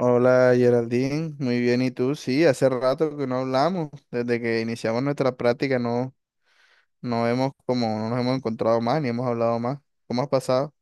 Hola Geraldine, muy bien, ¿y tú? Sí, hace rato que no hablamos, desde que iniciamos nuestra práctica no hemos no nos hemos encontrado más ni hemos hablado más. ¿Cómo has pasado?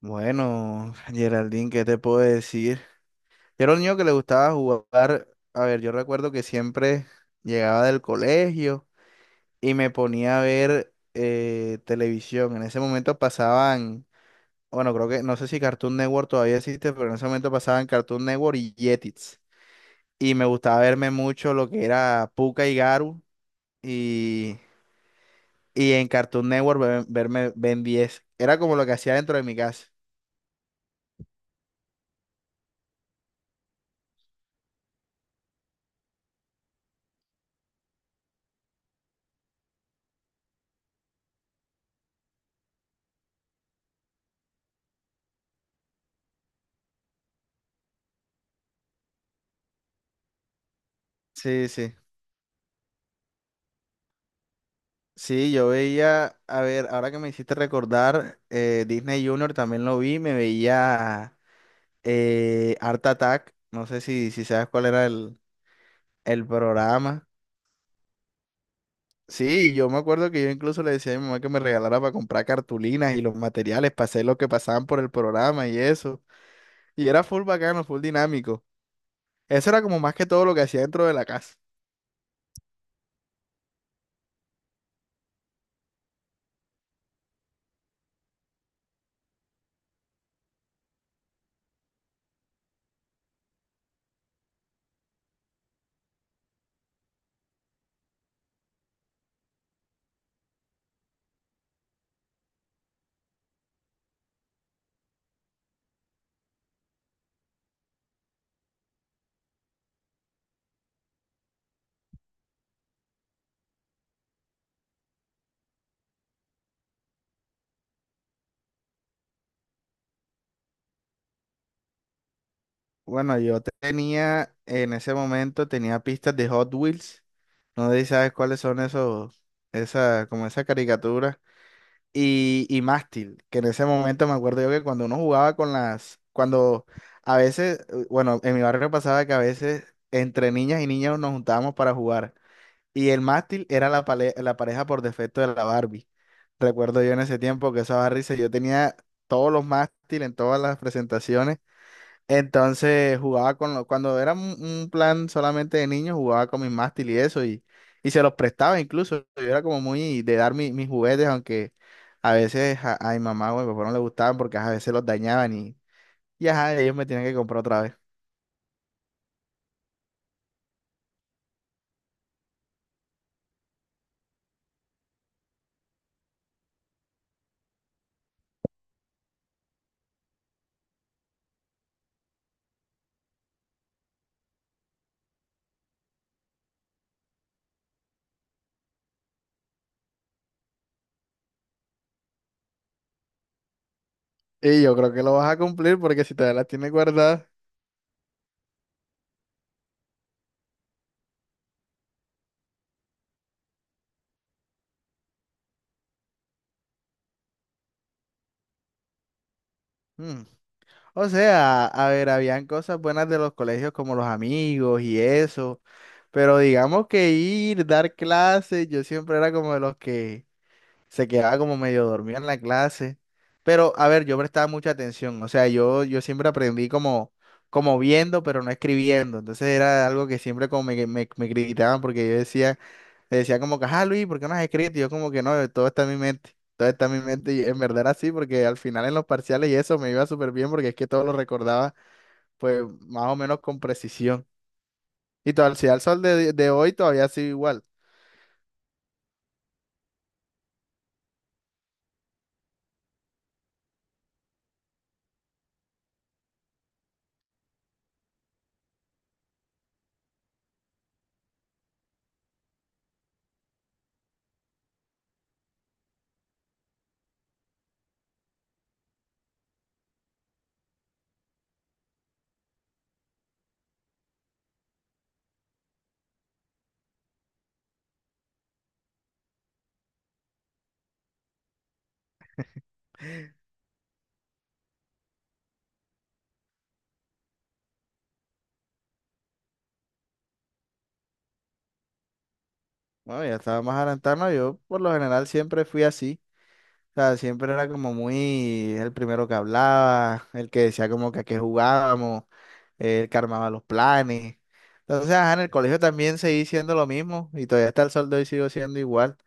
Bueno, Geraldine, ¿qué te puedo decir? Yo era un niño que le gustaba jugar, a ver, yo recuerdo que siempre llegaba del colegio y me ponía a ver televisión. En ese momento pasaban, bueno, creo que, no sé si Cartoon Network todavía existe, pero en ese momento pasaban Cartoon Network y Jetix. Y me gustaba verme mucho lo que era Pucca y Garu y, y en Cartoon Network verme Ben 10. Era como lo que hacía dentro de mi casa. Sí, sí. Sí, yo veía, a ver, ahora que me hiciste recordar, Disney Junior también lo vi, me veía Art Attack, no sé si sabes cuál era el programa. Sí, yo me acuerdo que yo incluso le decía a mi mamá que me regalara para comprar cartulinas y los materiales, para hacer lo que pasaban por el programa y eso. Y era full bacano, full dinámico. Eso era como más que todo lo que hacía dentro de la casa. Bueno, yo tenía, en ese momento, tenía pistas de Hot Wheels. No sé si sabes cuáles son esos, esa, como esa caricatura. Y mástil, que en ese momento me acuerdo yo que cuando uno jugaba con las, cuando a veces, bueno, en mi barrio pasaba que a veces entre niñas y niños nos juntábamos para jugar. Y el mástil era la, la pareja por defecto de la Barbie. Recuerdo yo en ese tiempo que esa Barbie, yo tenía todos los mástiles en todas las presentaciones. Entonces jugaba con los, cuando era un plan solamente de niños, jugaba con mis mástiles y eso, y se los prestaba incluso. Yo era como muy de dar mis juguetes, aunque a veces a mi mamá o a mi papá no le gustaban porque ajá, a veces los dañaban y ajá, ellos me tienen que comprar otra vez. Y yo creo que lo vas a cumplir porque si todavía las tienes guardadas. hmm, O sea, a ver, habían cosas buenas de los colegios como los amigos y eso, pero digamos que ir, dar clases, yo siempre era como de los que se quedaba como medio dormido en la clase, pero a ver, yo prestaba mucha atención, o sea, yo siempre aprendí como, como viendo, pero no escribiendo, entonces era algo que siempre como me criticaban porque yo decía me decía como que, ah, Luis, ¿por qué no has escrito? Y yo como que no, todo está en mi mente, todo está en mi mente y en verdad era así, porque al final en los parciales y eso me iba súper bien porque es que todo lo recordaba pues más o menos con precisión. Y todo, si al sol de hoy todavía sigo igual. Bueno, ya estaba más adelantado, ¿no? Yo por lo general siempre fui así. O sea, siempre era como muy el primero que hablaba, el que decía como que a qué jugábamos, el que armaba los planes. Entonces, ajá, en el colegio también seguí siendo lo mismo y todavía hasta el sol de hoy sigo siendo igual.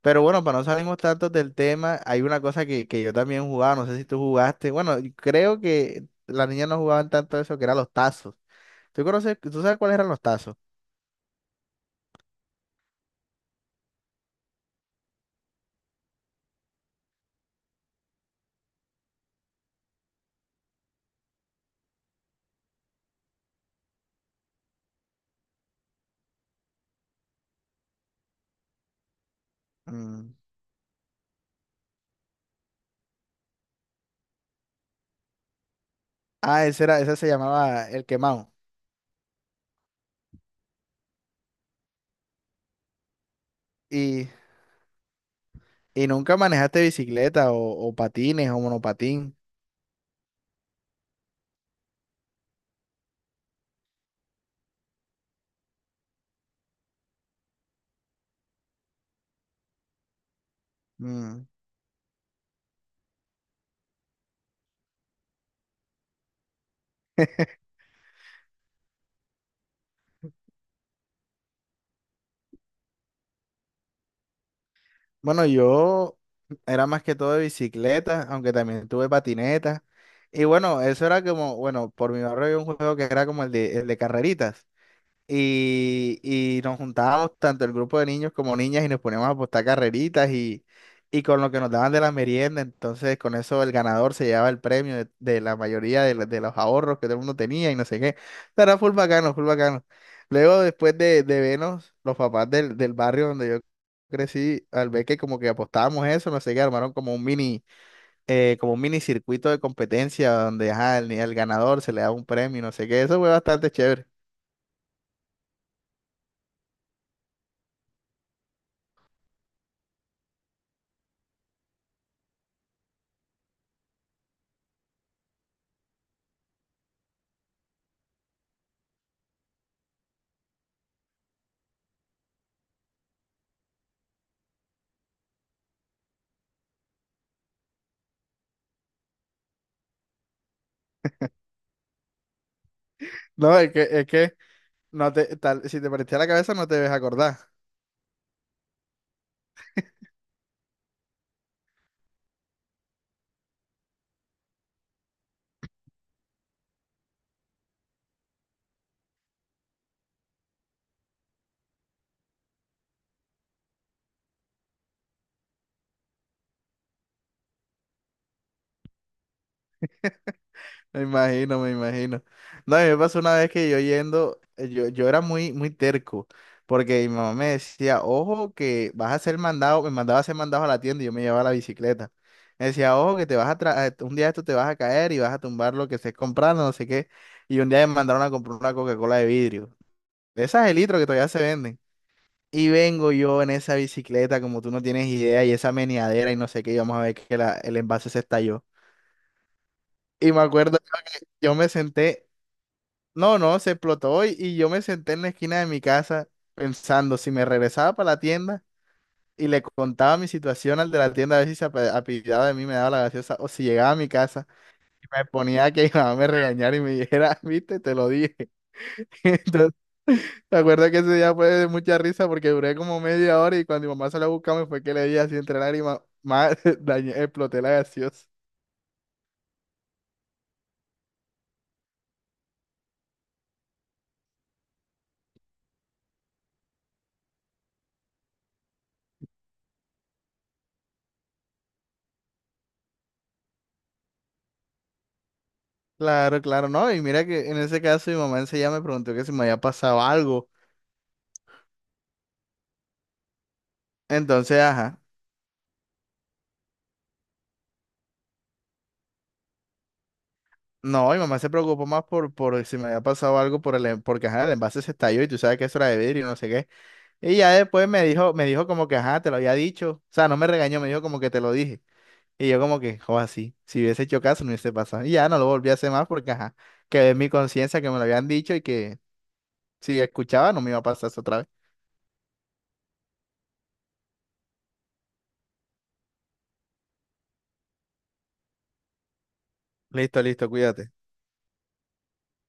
Pero bueno, para no salirnos tanto del tema, hay una cosa que yo también jugaba, no sé si tú jugaste. Bueno, y creo que las niñas no jugaban tanto eso, que eran los tazos. ¿Tú conoces, tú sabes cuáles eran los tazos? Mm. Ah, ese era, ese se llamaba el quemado. Y, y nunca manejaste bicicleta o patines o monopatín. Mm. Bueno, yo era más que todo de bicicleta, aunque también tuve patineta. Y bueno, eso era como, bueno, por mi barrio había un juego que era como el el de carreritas. Y, y nos juntábamos tanto el grupo de niños como niñas y nos poníamos a apostar carreritas y con lo que nos daban de la merienda, entonces con eso el ganador se llevaba el premio de la mayoría de, de los ahorros que todo el mundo tenía y no sé qué. Pero era full bacano, full bacano. Luego después de vernos, los papás del barrio donde yo crecí, al ver que como que apostábamos eso, no sé qué, armaron como un mini circuito de competencia donde ajá, el ganador se le da un premio, y no sé qué, eso fue bastante chévere. No, es que no te, tal, si te partiste la cabeza no te debes acordar. Me imagino, me imagino. No, a mí me pasó una vez que yo yendo, yo era muy terco, porque mi mamá me decía, ojo, que vas a ser mandado, me mandaba a ser mandado a la tienda y yo me llevaba la bicicleta. Me decía, ojo, que te vas a un día esto te vas a caer y vas a tumbar lo que estés comprando, no sé qué. Y un día me mandaron a comprar una Coca-Cola de vidrio. De esas de litro que todavía se venden. Y vengo yo en esa bicicleta, como tú no tienes idea, y esa meneadera y no sé qué, y vamos a ver que el envase se estalló. Y me acuerdo, yo me senté, no, no, se explotó y yo me senté en la esquina de mi casa pensando si me regresaba para la tienda y le contaba mi situación al de la tienda a ver si se apiadaba de mí, me daba la gaseosa o si llegaba a mi casa y me ponía a que mi mamá me regañara y me dijera, viste, te lo dije. Entonces, me acuerdo que ese día fue de mucha risa porque duré como media hora y cuando mi mamá salió a buscarme fue que le di así entre lágrimas, más dañé, exploté la gaseosa. Claro, claro, no. Y mira que en ese caso mi mamá enseguida me preguntó que si me había pasado algo. Entonces, ajá. No, mi mamá se preocupó más por si me había pasado algo por el, porque ajá, el envase se estalló y tú sabes que eso era de vidrio y no sé qué. Y ya después me dijo como que ajá, te lo había dicho. O sea, no me regañó, me dijo como que te lo dije. Y yo como que, joder, así, si hubiese hecho caso, no hubiese pasado. Y ya no lo volví a hacer más porque ajá, quedé en mi conciencia que me lo habían dicho y que si escuchaba no me iba a pasar eso otra vez. Listo, listo, cuídate.